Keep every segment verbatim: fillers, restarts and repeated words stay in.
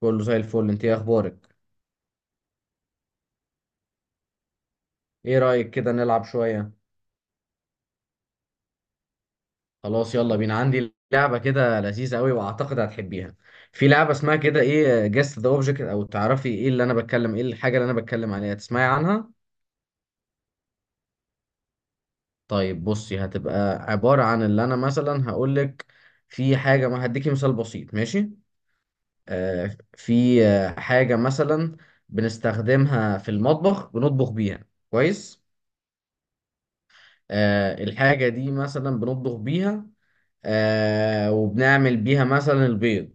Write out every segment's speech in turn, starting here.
كله زي الفل، انت ايه اخبارك؟ ايه رأيك كده نلعب شوية؟ خلاص، يلا بينا. عندي لعبة كده لذيذة قوي واعتقد هتحبيها. في لعبة اسمها كده ايه جست ذا اوبجكت، او تعرفي ايه اللي انا بتكلم، ايه الحاجة اللي انا بتكلم عليها، تسمعي عنها؟ طيب بصي، هتبقى عبارة عن اللي انا مثلا هقولك في حاجة. ما هديكي مثال بسيط، ماشي؟ آه في آه، حاجة مثلا بنستخدمها في المطبخ، بنطبخ بيها، كويس؟ آه الحاجة دي مثلا بنطبخ بيها، آه وبنعمل بيها مثلا البيض.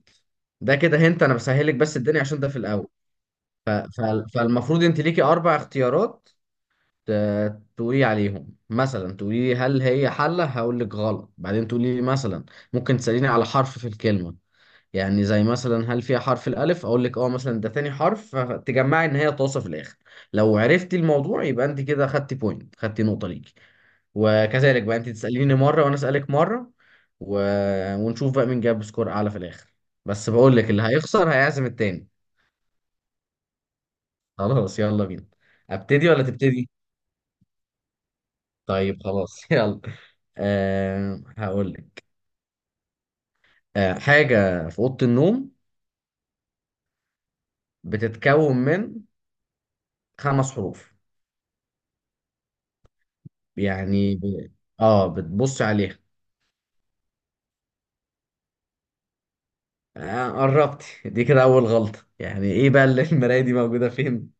ده كده هنت، انا بسهلك بس الدنيا عشان ده في الاول. ف... ف... فالمفروض انت ليكي اربع اختيارات. ت- تقولي عليهم، مثلا تقولي لي هل هي حلة، هقول لك غلط، بعدين تقولي لي مثلا ممكن تسأليني على حرف في الكلمة. يعني زي مثلا هل فيها حرف الالف، اقول لك اه مثلا ده تاني حرف، فتجمعي ان هي طاسة في الاخر. لو عرفتي الموضوع يبقى انت كده خدتي بوينت، خدتي نقطة ليكي. وكذلك بقى انت تسأليني مرة وانا أسألك مرة. و... ونشوف بقى مين جاب سكور اعلى في الاخر. بس بقول لك اللي هيخسر هيعزم التاني. خلاص، يلا بينا. ابتدي ولا تبتدي؟ طيب خلاص، يلا. أه هقول لك. أه حاجة في أوضة النوم، بتتكون من خمس حروف. يعني ب... اه بتبصي عليها. آه قربتي، دي كده أول غلطة، يعني ايه بقى اللي المراية دي موجودة فين؟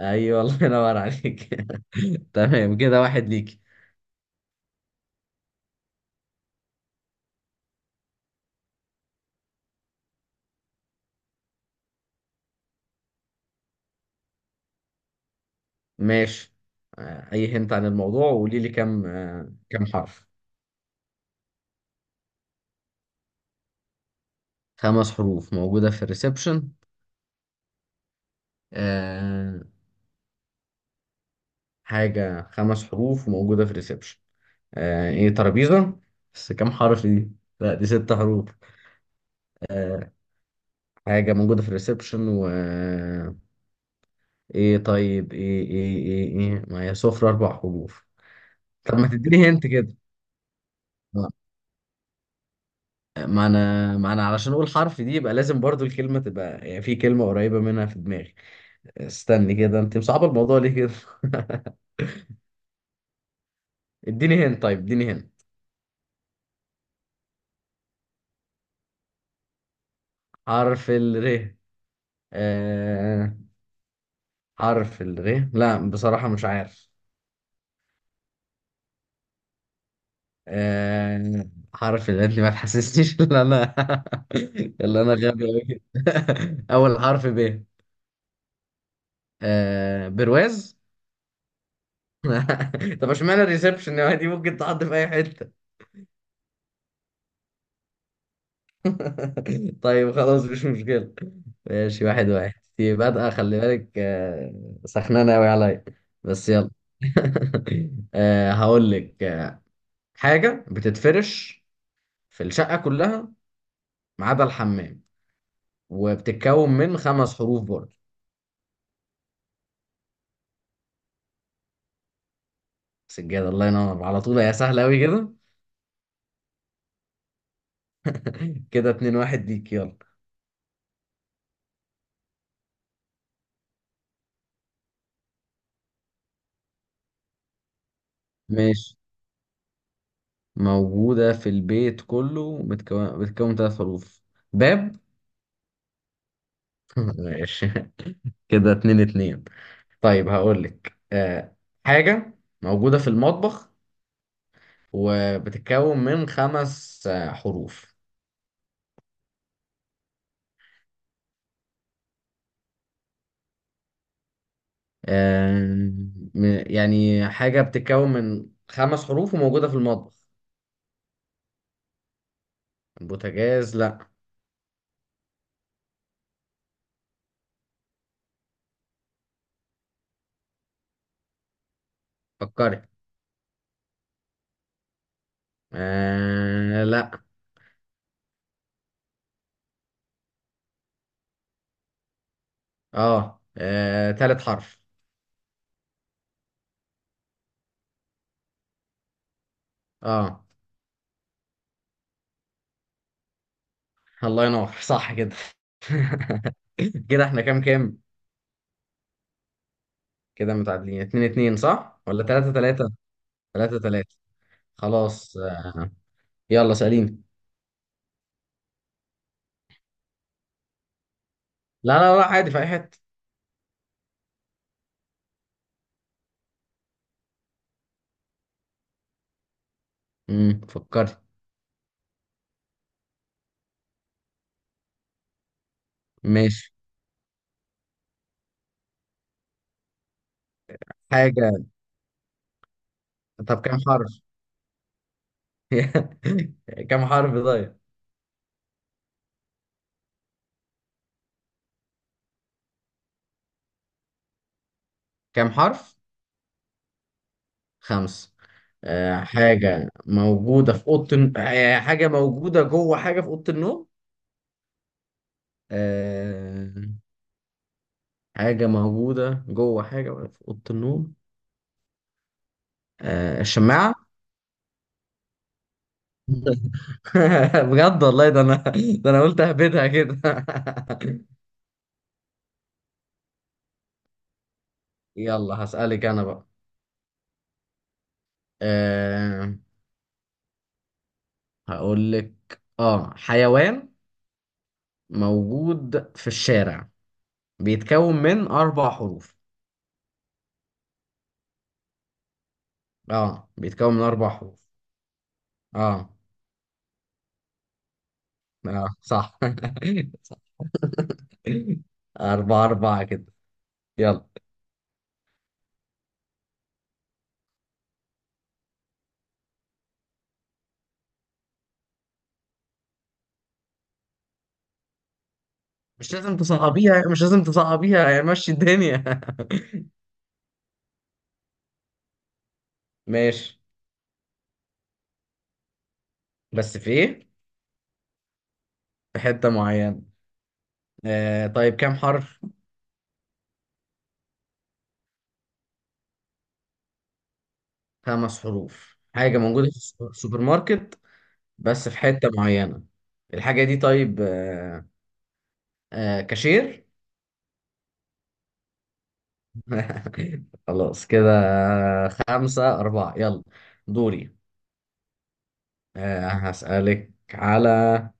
ايوه، الله ينور عليك. تمام كده، واحد ليك. ماشي. آه، اي هنت عن الموضوع وقولي لي كام، آه، كام حرف؟ خمس حروف موجودة في الريسبشن. آه، حاجة، خمس حروف موجودة في الريسبشن. آه، ايه، ترابيزة. بس كام حرف دي؟ لا، دي ست حروف. آه، حاجة موجودة في الريسبشن و آه، ايه، طيب ايه ايه ايه ايه ما هي سفرة، اربع حروف. طب ما تديني هنت كده. آه، ما انا ما انا علشان اقول حرف دي يبقى لازم برضو الكلمة تبقى، يعني في كلمة قريبة منها في دماغي. استني كده، انت مصعب الموضوع ليه كده؟ اديني هنا، طيب اديني هنا. حرف الر. آه... حرف الر، لا بصراحة مش عارف. آه... حرف الر، انت ما تحسسنيش ان انا ان انا غبي أوي كده. اول حرف ب. آه... برواز. طب اشمعنى الريسبشن؟ دي ممكن تحط في اي حتة. طيب خلاص، مش مشكلة. ماشي، واحد واحد. دي بادئة، خلي بالك، آه، سخنانة أوي عليا. بس يلا. آه، هقول لك، آه، حاجة بتتفرش في الشقة كلها ما عدا الحمام، وبتتكون من خمس حروف برضه. سجادة. الله ينور، على طول. يا سهلة أوي كده. كده اتنين واحد ليك. يلا. ماشي. موجودة في البيت كله، بتكون بتكون ثلاث حروف. باب. ماشي. كده اتنين اتنين. طيب هقول لك. آه حاجة موجودة في المطبخ، وبتتكون من خمس آه حروف. آه م- يعني حاجة بتتكون من خمس حروف وموجودة في المطبخ. البوتاجاز، لا. فكري. آه لا. اه, آه تالت حرف. اه الله ينور، صح كده. كده احنا كام كام؟ كده متعادلين، اتنين اتنين صح ولا تلاتة تلاتة؟ تلاتة تلاتة. خلاص. آه يلا سأليني. لا لا لا، عادي في اي حتة. امم فكرت. ماشي. حاجة. طب كم حرف؟ كم حرف طيب؟ كم حرف؟ خمس. آه حاجة موجودة في أوضة الن- آه حاجة موجودة جوه حاجة في أوضة النوم. آه حاجة موجودة جوه حاجة في أوضة النوم. آه الشماعة. بجد والله، ده أنا، ده أنا قلت أهبدها كده. يلا هسألك أنا بقى. آه هقول لك، اه حيوان موجود في الشارع، بيتكون من أربع حروف. اه بيتكون من أربع حروف. اه اه صح. صح. أربعة أربعة كده. يلا. مش لازم تصعبيها، مش لازم تصعبيها، يعني مشي الدنيا. ماشي. بس في ايه؟ في حتة معينة. آه طيب كام حرف؟ خمس حروف. حاجة موجودة في السو- السوبر سوبر ماركت، بس في حتة معينة. الحاجة دي، طيب. آه آه كاشير. خلاص كده. خمسة أربعة. يلا دوري. آه، هسألك على،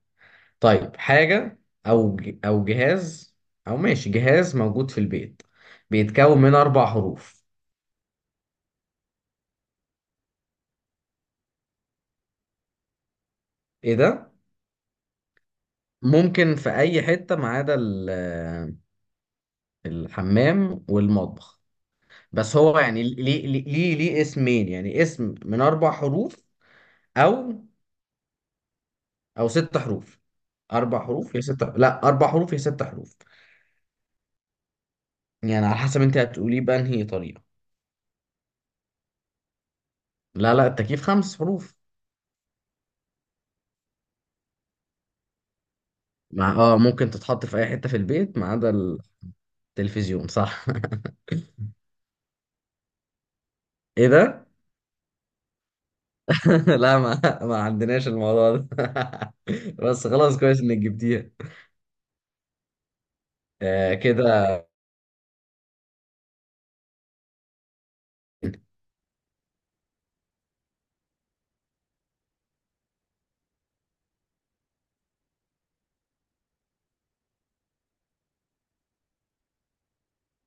طيب حاجة أو ج- أو جهاز، أو ماشي جهاز موجود في البيت، بيتكون من أربع حروف. إيه ده؟ ممكن في أي حتة ما عدا ال- الحمام والمطبخ. بس هو يعني ليه ليه ليه ليه اسمين، يعني اسم من أربع حروف أو أو ست حروف. أربع حروف يا ست، لا أربع حروف يا ست حروف، يعني على حسب انت هتقوليه بأنهي طريقة. لا لا، التكييف خمس حروف. مع اه ممكن تتحط في اي حتة في البيت ما عدا. التلفزيون، صح. ايه ده؟ لا، ما ما عندناش الموضوع ده. بس خلاص، كويس انك جبتيها. آه كده.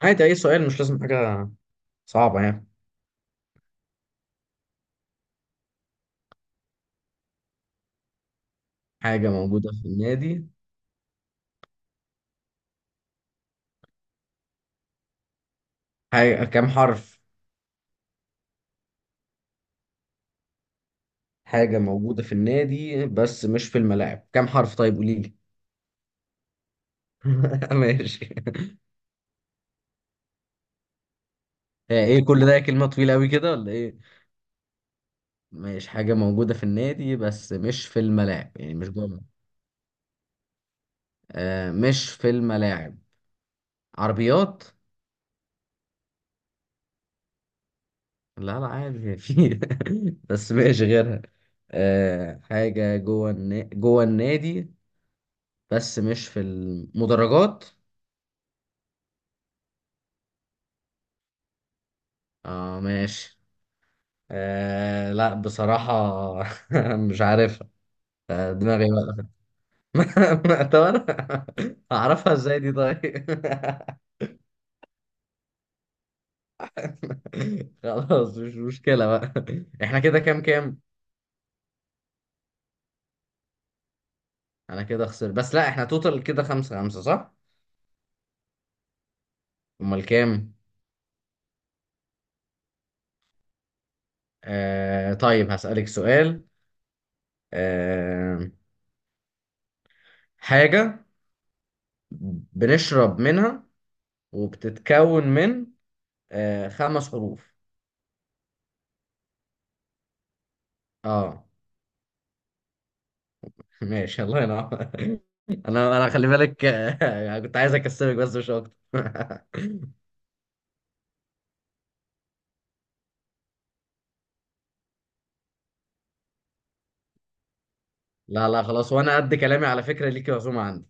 عادي، اي سؤال مش لازم حاجة صعبة يعني. حاجة موجودة في النادي. حاجة كام حرف؟ حاجة موجودة في النادي بس مش في الملاعب، كام حرف طيب، قولي لي. ماشي. آه، ايه كل ده، كلمة طويلة قوي كده ولا ايه؟ مش حاجة موجودة في النادي بس مش في الملاعب؟ يعني مش جوه الملعب. آه مش في الملاعب. عربيات. لا لا، عادي في. بس مش غيرها. آه حاجة جوه النا... جوه النادي بس مش في المدرجات. اه ماشي. آه لا بصراحة، مش عارفها. آه، دماغي بقى. طب انا هعرفها ازاي دي طيب؟ خلاص، مش مشكلة بقى. احنا كده كام كام؟ انا كده خسرت، بس لا احنا توتال كده خمسة خمسة صح؟ امال كام؟ آه طيب هسألك سؤال. آه حاجة بنشرب منها، وبتتكون من آه خمس حروف. اه ماشي، الله ينور. انا انا خلي بالك، آه، كنت عايز اكسبك بس مش اكتر. لا لا، خلاص. وانا قد كلامي على فكرة، ليكي عزومة عندي.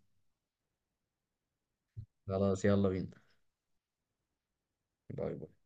خلاص، يلا بينا. باي.